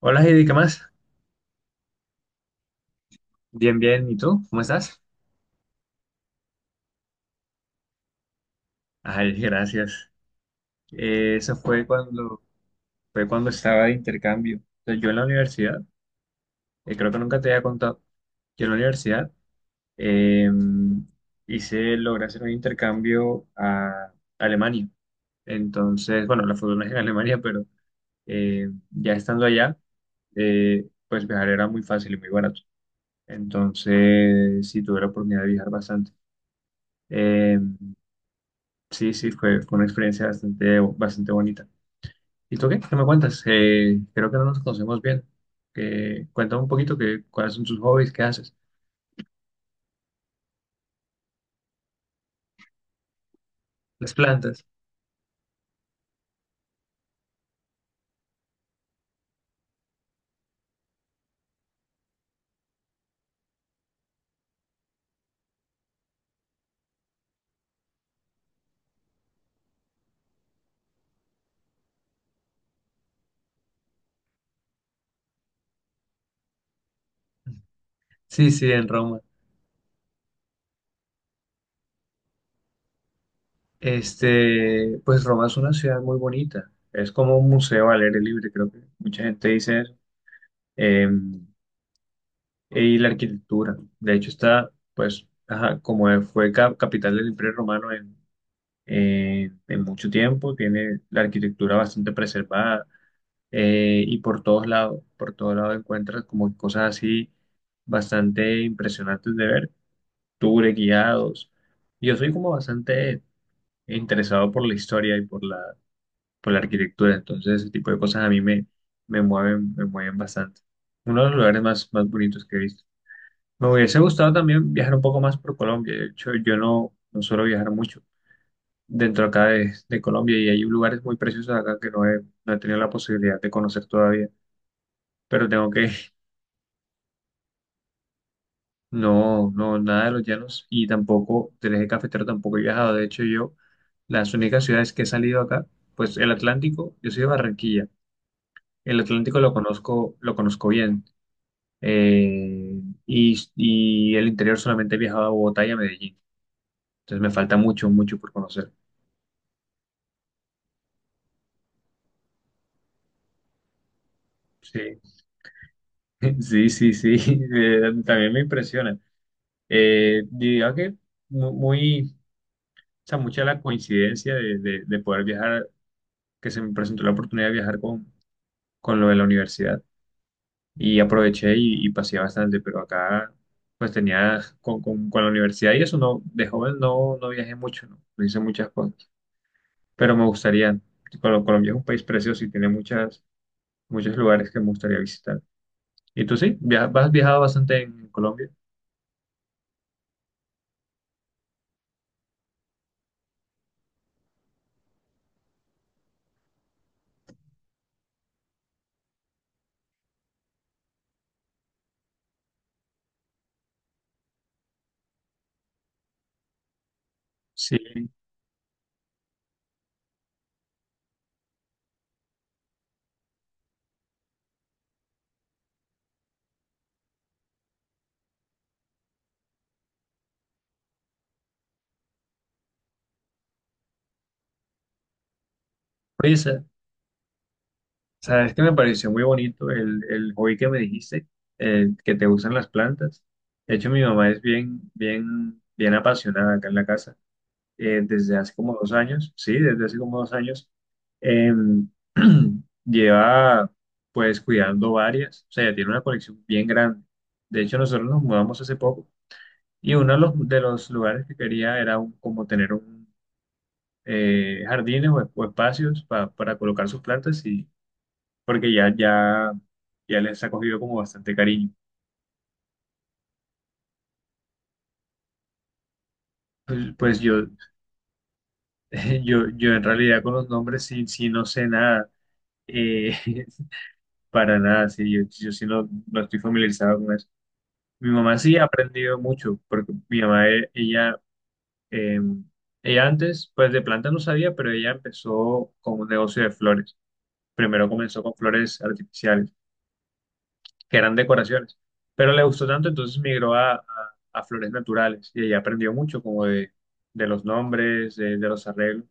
Hola Heidi, ¿qué más? Bien, bien. ¿Y tú? ¿Cómo estás? Ay, gracias. Eso fue cuando estaba de intercambio. Entonces, yo en la universidad, creo que nunca te había contado, yo en la universidad eh, hice, logré hacer un intercambio a Alemania. Entonces, bueno, la fortuna es en Alemania, pero ya estando allá, pues viajar era muy fácil y muy barato. Entonces, sí tuve la oportunidad de viajar bastante. Em, Sí, sí, fue una experiencia bastante, bastante bonita. ¿Y tú qué? ¿Qué me cuentas? Creo que no nos conocemos bien. Cuéntame un poquito cuáles son tus hobbies, qué haces. Las plantas. Sí, sí, en Roma. Este, pues Roma es una ciudad muy bonita. Es como un museo al aire libre, creo que mucha gente dice eso. Eh, y la arquitectura. De hecho, está, pues, ajá, como fue capital del Imperio Romano en mucho tiempo, tiene la arquitectura bastante preservada y por todos lados encuentras como cosas así bastante impresionantes de ver, tours guiados. Yo soy como bastante interesado por la historia y por la arquitectura, entonces ese tipo de cosas me mueven bastante. Uno de los lugares más, más bonitos que he visto. Me hubiese gustado también viajar un poco más por Colombia, de hecho yo no, no suelo viajar mucho. Dentro acá de Colombia y hay lugares muy preciosos acá que no he tenido la posibilidad de conocer todavía, pero tengo que, No, no, nada de los llanos y tampoco del eje cafetero tampoco he viajado. De hecho, yo, las únicas ciudades que he salido acá, pues el Atlántico, yo soy de Barranquilla. El Atlántico lo conozco bien. Eh, y el interior solamente he viajado a Bogotá y a Medellín. Entonces me falta mucho, mucho por conocer. Sí, sí, sí, sí. También me impresiona. Diría que muy, o sea, mucha la coincidencia de poder viajar, que se me presentó la oportunidad de viajar con lo de la universidad. Y aproveché y pasé bastante, pero acá pues tenía con la universidad y eso no, de joven no, no viajé mucho, no, no hice muchas cosas, pero me gustaría. Colombia es un país precioso y tiene muchos lugares que me gustaría visitar. ¿Y tú sí? Has viajado bastante en Colombia? Sí. Oye, sabes que me pareció muy bonito el hobby que me dijiste, que te gustan las plantas. De hecho, mi mamá es bien, bien, bien apasionada acá en la casa desde hace como dos años, sí, desde hace como dos años, em, lleva pues cuidando varias, o sea, ya tiene una colección bien grande. De hecho, nosotros nos mudamos hace poco y uno de los lugares que quería era como tener un jardines o espacios para colocar sus plantas y porque ya les ha cogido como bastante cariño. Pues yo, yo en realidad con los nombres sí, sí no sé nada. Eh, para nada, sí, yo sí no, no estoy familiarizado con eso. Mi mamá sí ha aprendido mucho, porque mi mamá, ella, eh, ella antes, pues de planta no sabía, pero ella empezó con un negocio de flores. Primero comenzó con flores artificiales, que eran decoraciones, pero le gustó tanto, entonces migró a flores naturales y ella aprendió mucho como de los nombres, de los arreglos.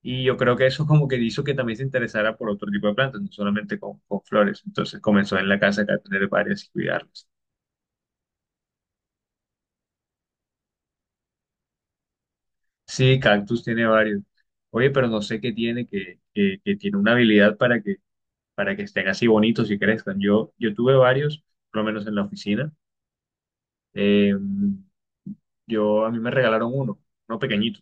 Y yo creo que eso como que hizo que también se interesara por otro tipo de plantas, no solamente con flores. Entonces comenzó en la casa acá a tener varias y cuidarlas. Sí, cactus tiene varios. Oye, pero no sé qué tiene, que tiene una habilidad para que estén así bonitos y crezcan. Yo tuve varios, por lo menos en la oficina. Eh, yo, a mí me regalaron uno, uno pequeñito,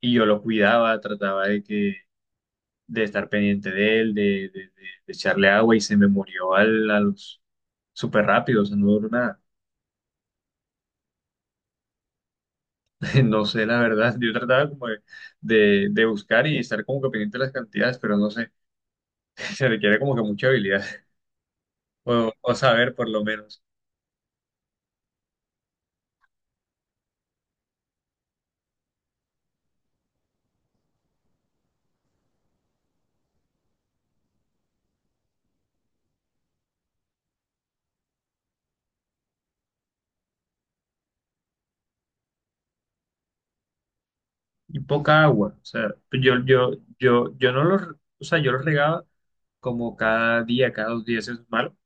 y yo lo cuidaba, trataba de que, de estar pendiente de él, de- de- de echarle agua y se me murió a los súper rápido, o sea, no duró nada. No sé, la verdad, yo trataba como de, de buscar y estar como que pendiente de las cantidades, pero no sé, se requiere como que mucha habilidad. O saber por lo menos. Y poca agua, o sea, pues yo, no los, o sea, yo los regaba como cada día, cada dos días, eso es malo.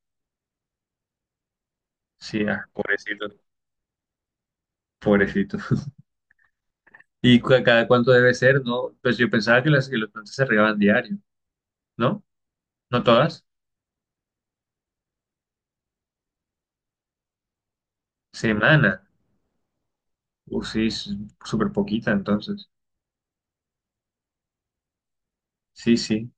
Sí, ah, pobrecito, pobrecito. ¿Y cada cuánto debe ser? No, pues yo pensaba que las que los plantas se regaban diario, ¿no? ¿No todas? Semana. O sí, es súper poquita entonces. Sí, sí,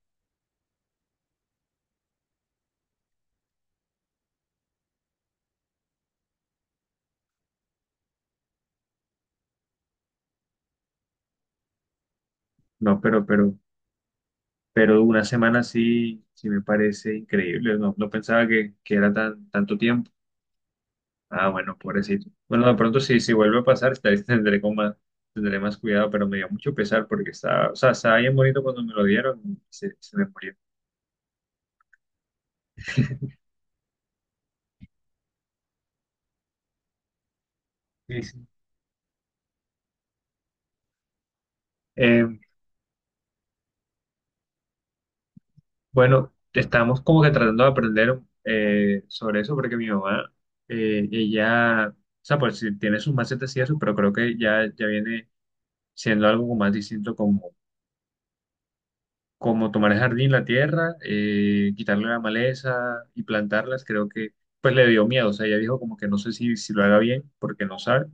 no, pero una semana sí, sí me parece increíble, no, no pensaba que era tan, tanto tiempo. Ah, bueno, pobrecito. Bueno, de pronto si vuelve a pasar, tendré con más, tendré más cuidado, pero me dio mucho pesar porque estaba, o sea, estaba bien bonito cuando me lo dieron y se me murió. Sí, sí. Eh, bueno, estamos como que tratando de aprender sobre eso porque mi mamá, ella, o sea, pues sí tiene sus macetas y eso, pero creo que ya viene siendo algo más distinto como tomar el jardín, la tierra, quitarle la maleza y plantarlas, creo que pues le dio miedo, o sea, ella dijo como que no sé si lo haga bien porque no sabe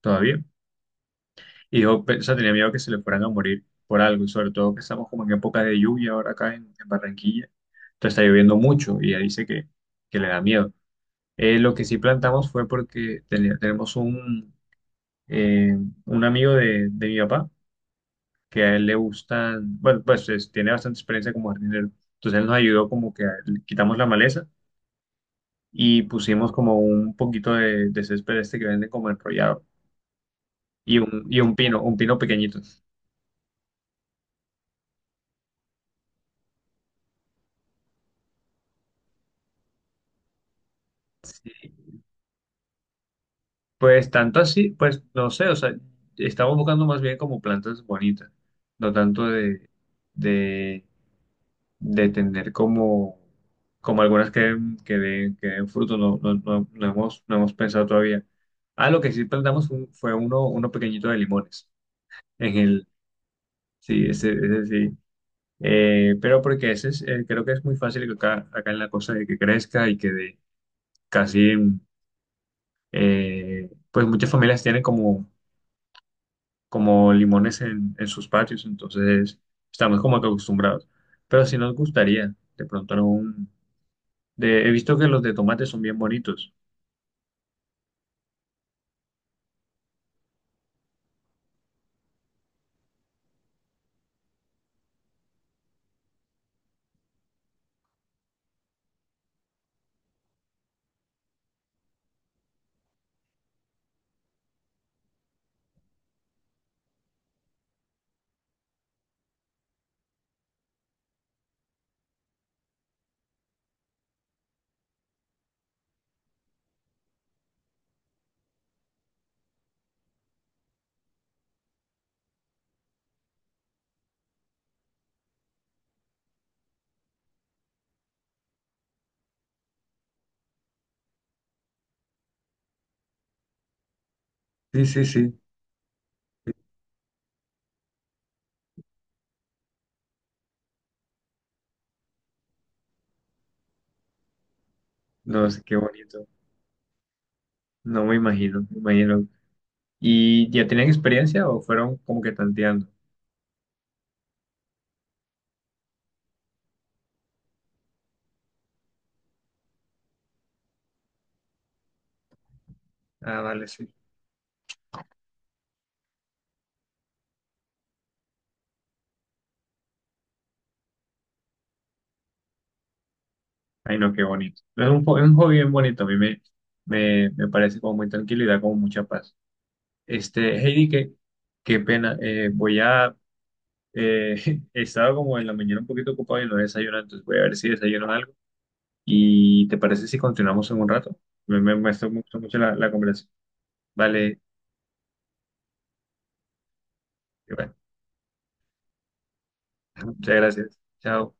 todavía, y dijo, o sea, tenía miedo que se le fueran a morir por algo, y sobre todo que estamos como en época de lluvia ahora acá en Barranquilla, entonces está lloviendo mucho y ella dice que le da miedo. Lo que sí plantamos fue porque tenemos eh, un amigo de mi papá, que a él le gustan, bueno, pues tiene bastante experiencia como jardinero. Entonces él nos ayudó como que le quitamos la maleza y pusimos como un poquito de césped este que venden como enrollado y un pino pequeñito. Sí. Pues tanto así, pues no sé, o sea, estamos buscando más bien como plantas bonitas, no tanto de, de tener como, como algunas que den fruto, no hemos, no hemos pensado todavía. Ah, lo que sí plantamos fue, uno pequeñito de limones en el, sí, ese sí, pero porque ese es, creo que es muy fácil que acá, acá en la costa de que crezca y que de casi, pues muchas familias tienen como, como limones en sus patios, entonces estamos como que acostumbrados. Pero sí nos gustaría de pronto he visto que los de tomate son bien bonitos. Sí, sí, sí. No sé qué bonito. No me imagino, me imagino. ¿Y ya tenían experiencia o fueron como que tanteando? Ah, vale, sí. Ay, no, qué bonito. Es un, es un hobby bien bonito. A mí me, me, me parece como muy tranquilo y da como mucha paz. Este, Heidi, qué, qué pena. Voy a... eh, he estado como en la mañana un poquito ocupado y no he desayunado, entonces voy a ver si desayuno algo. ¿Y te parece si continuamos en un rato? Me gustó mucho la conversación. Vale. Igual. Muchas gracias. Chao.